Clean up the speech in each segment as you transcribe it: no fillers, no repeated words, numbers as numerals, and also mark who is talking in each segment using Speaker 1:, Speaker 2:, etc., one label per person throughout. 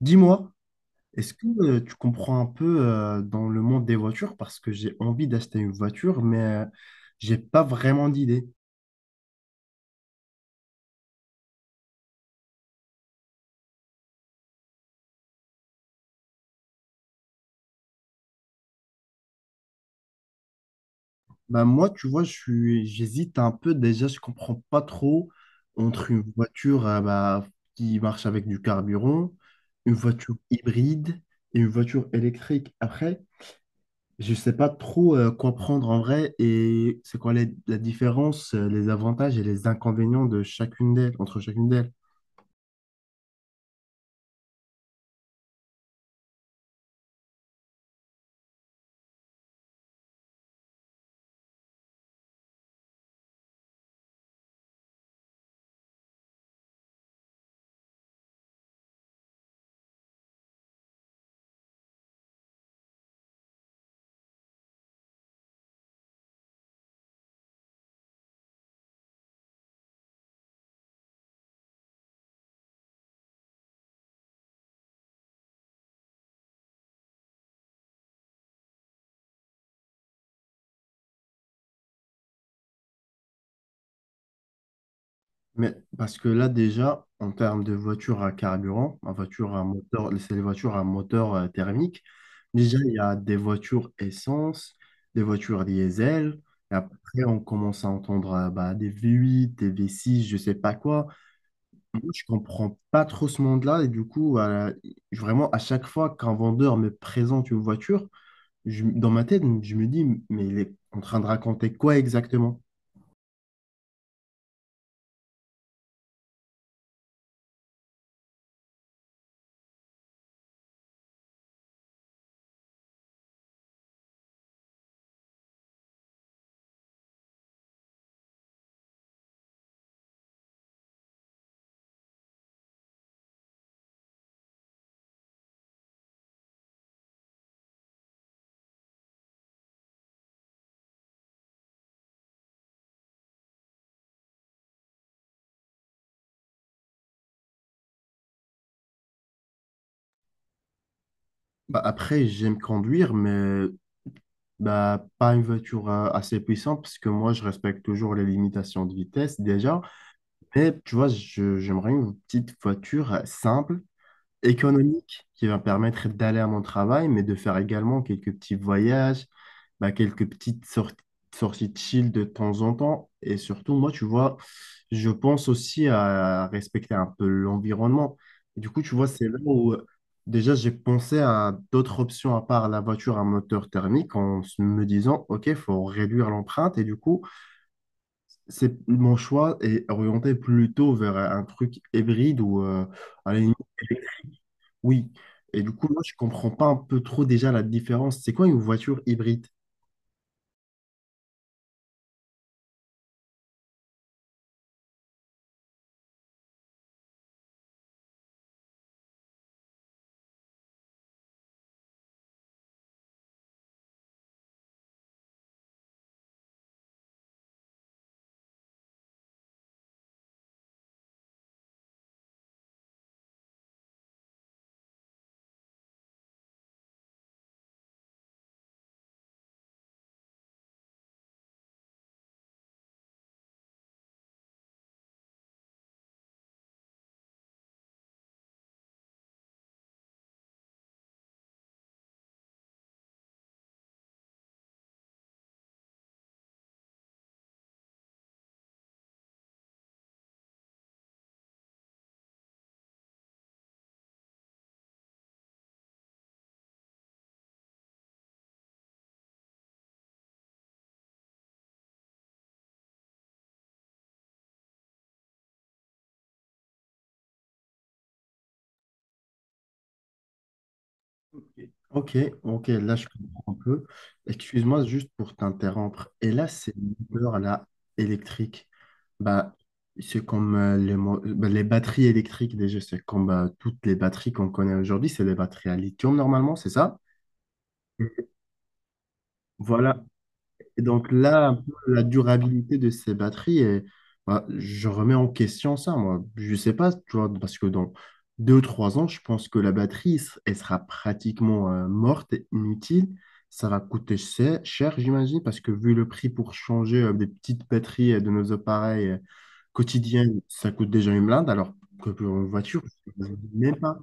Speaker 1: Dis-moi, est-ce que tu comprends un peu, dans le monde des voitures, parce que j'ai envie d'acheter une voiture, mais j'ai pas vraiment d'idée. Bah moi, tu vois, j'hésite un peu. Déjà, je comprends pas trop entre une voiture bah, qui marche avec du carburant, une voiture hybride et une voiture électrique. Après, je sais pas trop quoi prendre en vrai, et c'est quoi la différence, les avantages et les inconvénients de chacune d'elles, entre chacune d'elles. Mais parce que là, déjà, en termes de voiture à carburant, en voiture à moteur, c'est les voitures à moteur thermique. Déjà, il y a des voitures essence, des voitures diesel. Et après, on commence à entendre bah, des V8, des V6, je sais pas quoi. Moi, je comprends pas trop ce monde-là. Et du coup, vraiment, à chaque fois qu'un vendeur me présente une voiture, dans ma tête, je me dis, mais il est en train de raconter quoi exactement? Bah, après, j'aime conduire, mais bah, pas une voiture assez puissante, parce que moi, je respecte toujours les limitations de vitesse déjà. Mais tu vois, j'aimerais une petite voiture simple, économique, qui va permettre d'aller à mon travail, mais de faire également quelques petits voyages, bah, quelques petites sorties, sorties de chill de temps en temps. Et surtout, moi, tu vois, je pense aussi à respecter un peu l'environnement. Et du coup, tu vois, c'est là où déjà j'ai pensé à d'autres options à part la voiture à moteur thermique en me disant, OK, il faut réduire l'empreinte. Et du coup, c'est mon choix est orienté plutôt vers un truc hybride ou à la limite, oui. Et du coup, moi, je comprends pas un peu trop déjà la différence. C'est quoi une voiture hybride? OK, OK, là, je comprends un peu. Excuse-moi juste pour t'interrompre. Et là, ces moteurs là, électriques, bah, c'est comme les, bah, les batteries électriques déjà, c'est comme bah, toutes les batteries qu'on connaît aujourd'hui, c'est des batteries à lithium normalement, c'est ça? Voilà. Et donc là, un peu, la durabilité de ces batteries, et, bah, je remets en question ça, moi. Je sais pas, tu vois, parce que dans deux ou trois ans, je pense que la batterie, elle sera pratiquement morte et inutile. Ça va coûter cher, cher, j'imagine, parce que vu le prix pour changer des petites batteries de nos appareils quotidiennes, ça coûte déjà une blinde, alors que pour une voiture, je ne même pas.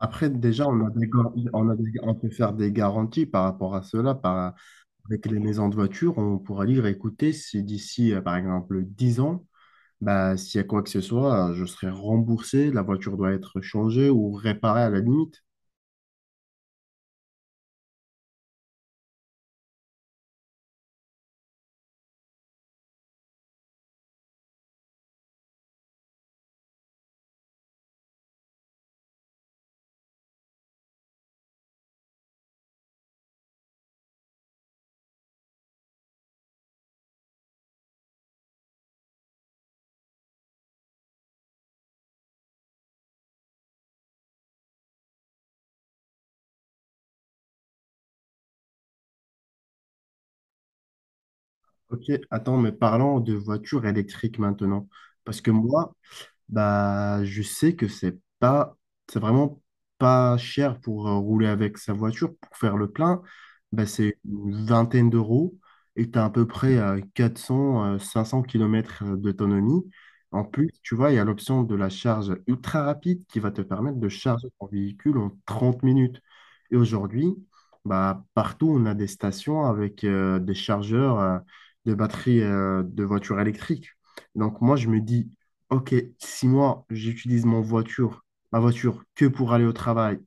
Speaker 1: Après, déjà, on a on a on peut faire des garanties par rapport à cela, par avec les maisons de voiture, on pourra lire et écouter si d'ici, par exemple, 10 ans, bah, s'il y a quoi que ce soit, je serai remboursé, la voiture doit être changée ou réparée à la limite. OK, attends, mais parlons de voitures électriques maintenant. Parce que moi, bah, je sais que c'est vraiment pas cher pour rouler avec sa voiture. Pour faire le plein, bah, c'est une vingtaine d'€ et tu as à peu près 400 500 km d'autonomie. En plus, tu vois, il y a l'option de la charge ultra rapide qui va te permettre de charger ton véhicule en 30 minutes. Et aujourd'hui, bah, partout, on a des stations avec des chargeurs de batteries de voitures électriques. Donc moi, je me dis, OK, si moi j'utilise mon voiture, ma voiture que pour aller au travail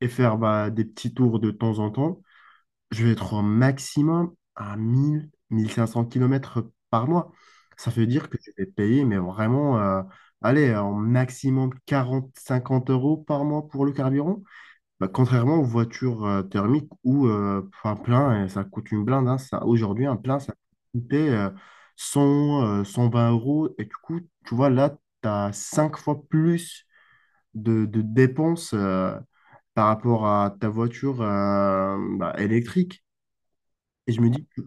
Speaker 1: et faire bah, des petits tours de temps en temps, je vais être au maximum à 1000, 1500 kilomètres par mois. Ça veut dire que je vais payer, mais vraiment, allez, en maximum 40, 50 € par mois pour le carburant. Bah, contrairement aux voitures thermiques où un plein, ça coûte une blinde. Hein, ça, aujourd'hui, un plein, ça coûtait 100, 120 euros. Et du coup, tu vois, là, tu as 5 fois plus de dépenses par rapport à ta voiture bah, électrique. Et je me dis, que,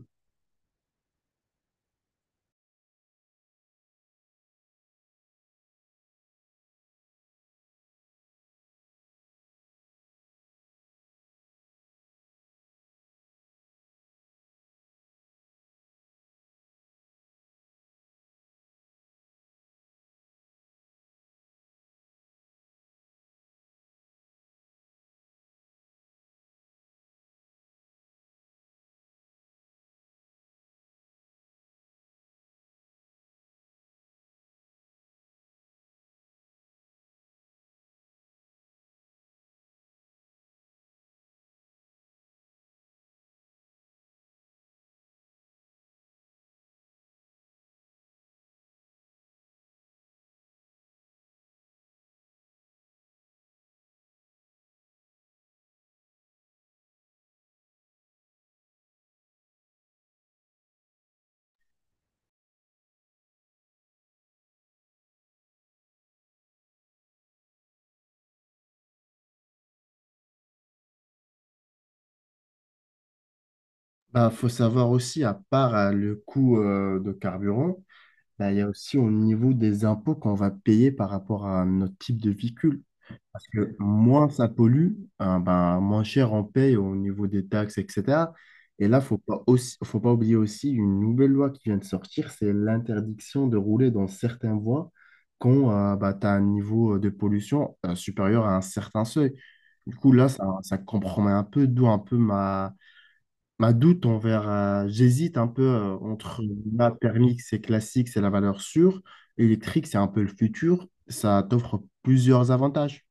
Speaker 1: bah, faut savoir aussi, à part le coût de carburant, bah, il y a aussi au niveau des impôts qu'on va payer par rapport à notre type de véhicule. Parce que moins ça pollue, hein, ben, moins cher on paye au niveau des taxes, etc. Et là, faut pas aussi, faut pas oublier aussi une nouvelle loi qui vient de sortir, c'est l'interdiction de rouler dans certaines voies quand bah, tu as un niveau de pollution supérieur à un certain seuil. Du coup, là, ça compromet un peu, d'où un peu ma, ma doute envers. Euh, j'hésite un peu entre la permis, c'est classique, c'est la valeur sûre, électrique, c'est un peu le futur. Ça t'offre plusieurs avantages.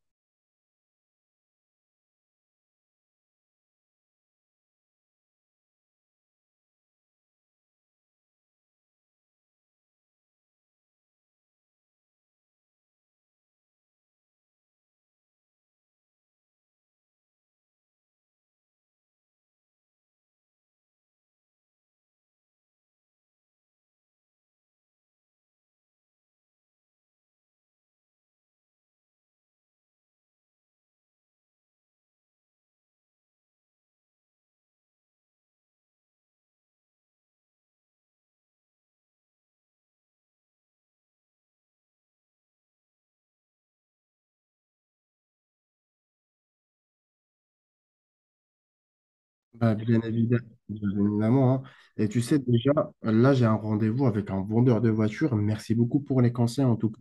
Speaker 1: Bah, bien évidemment, hein. Et tu sais déjà, là j'ai un rendez-vous avec un vendeur de voitures. Merci beaucoup pour les conseils en tout cas.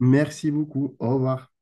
Speaker 1: Merci beaucoup. Au revoir.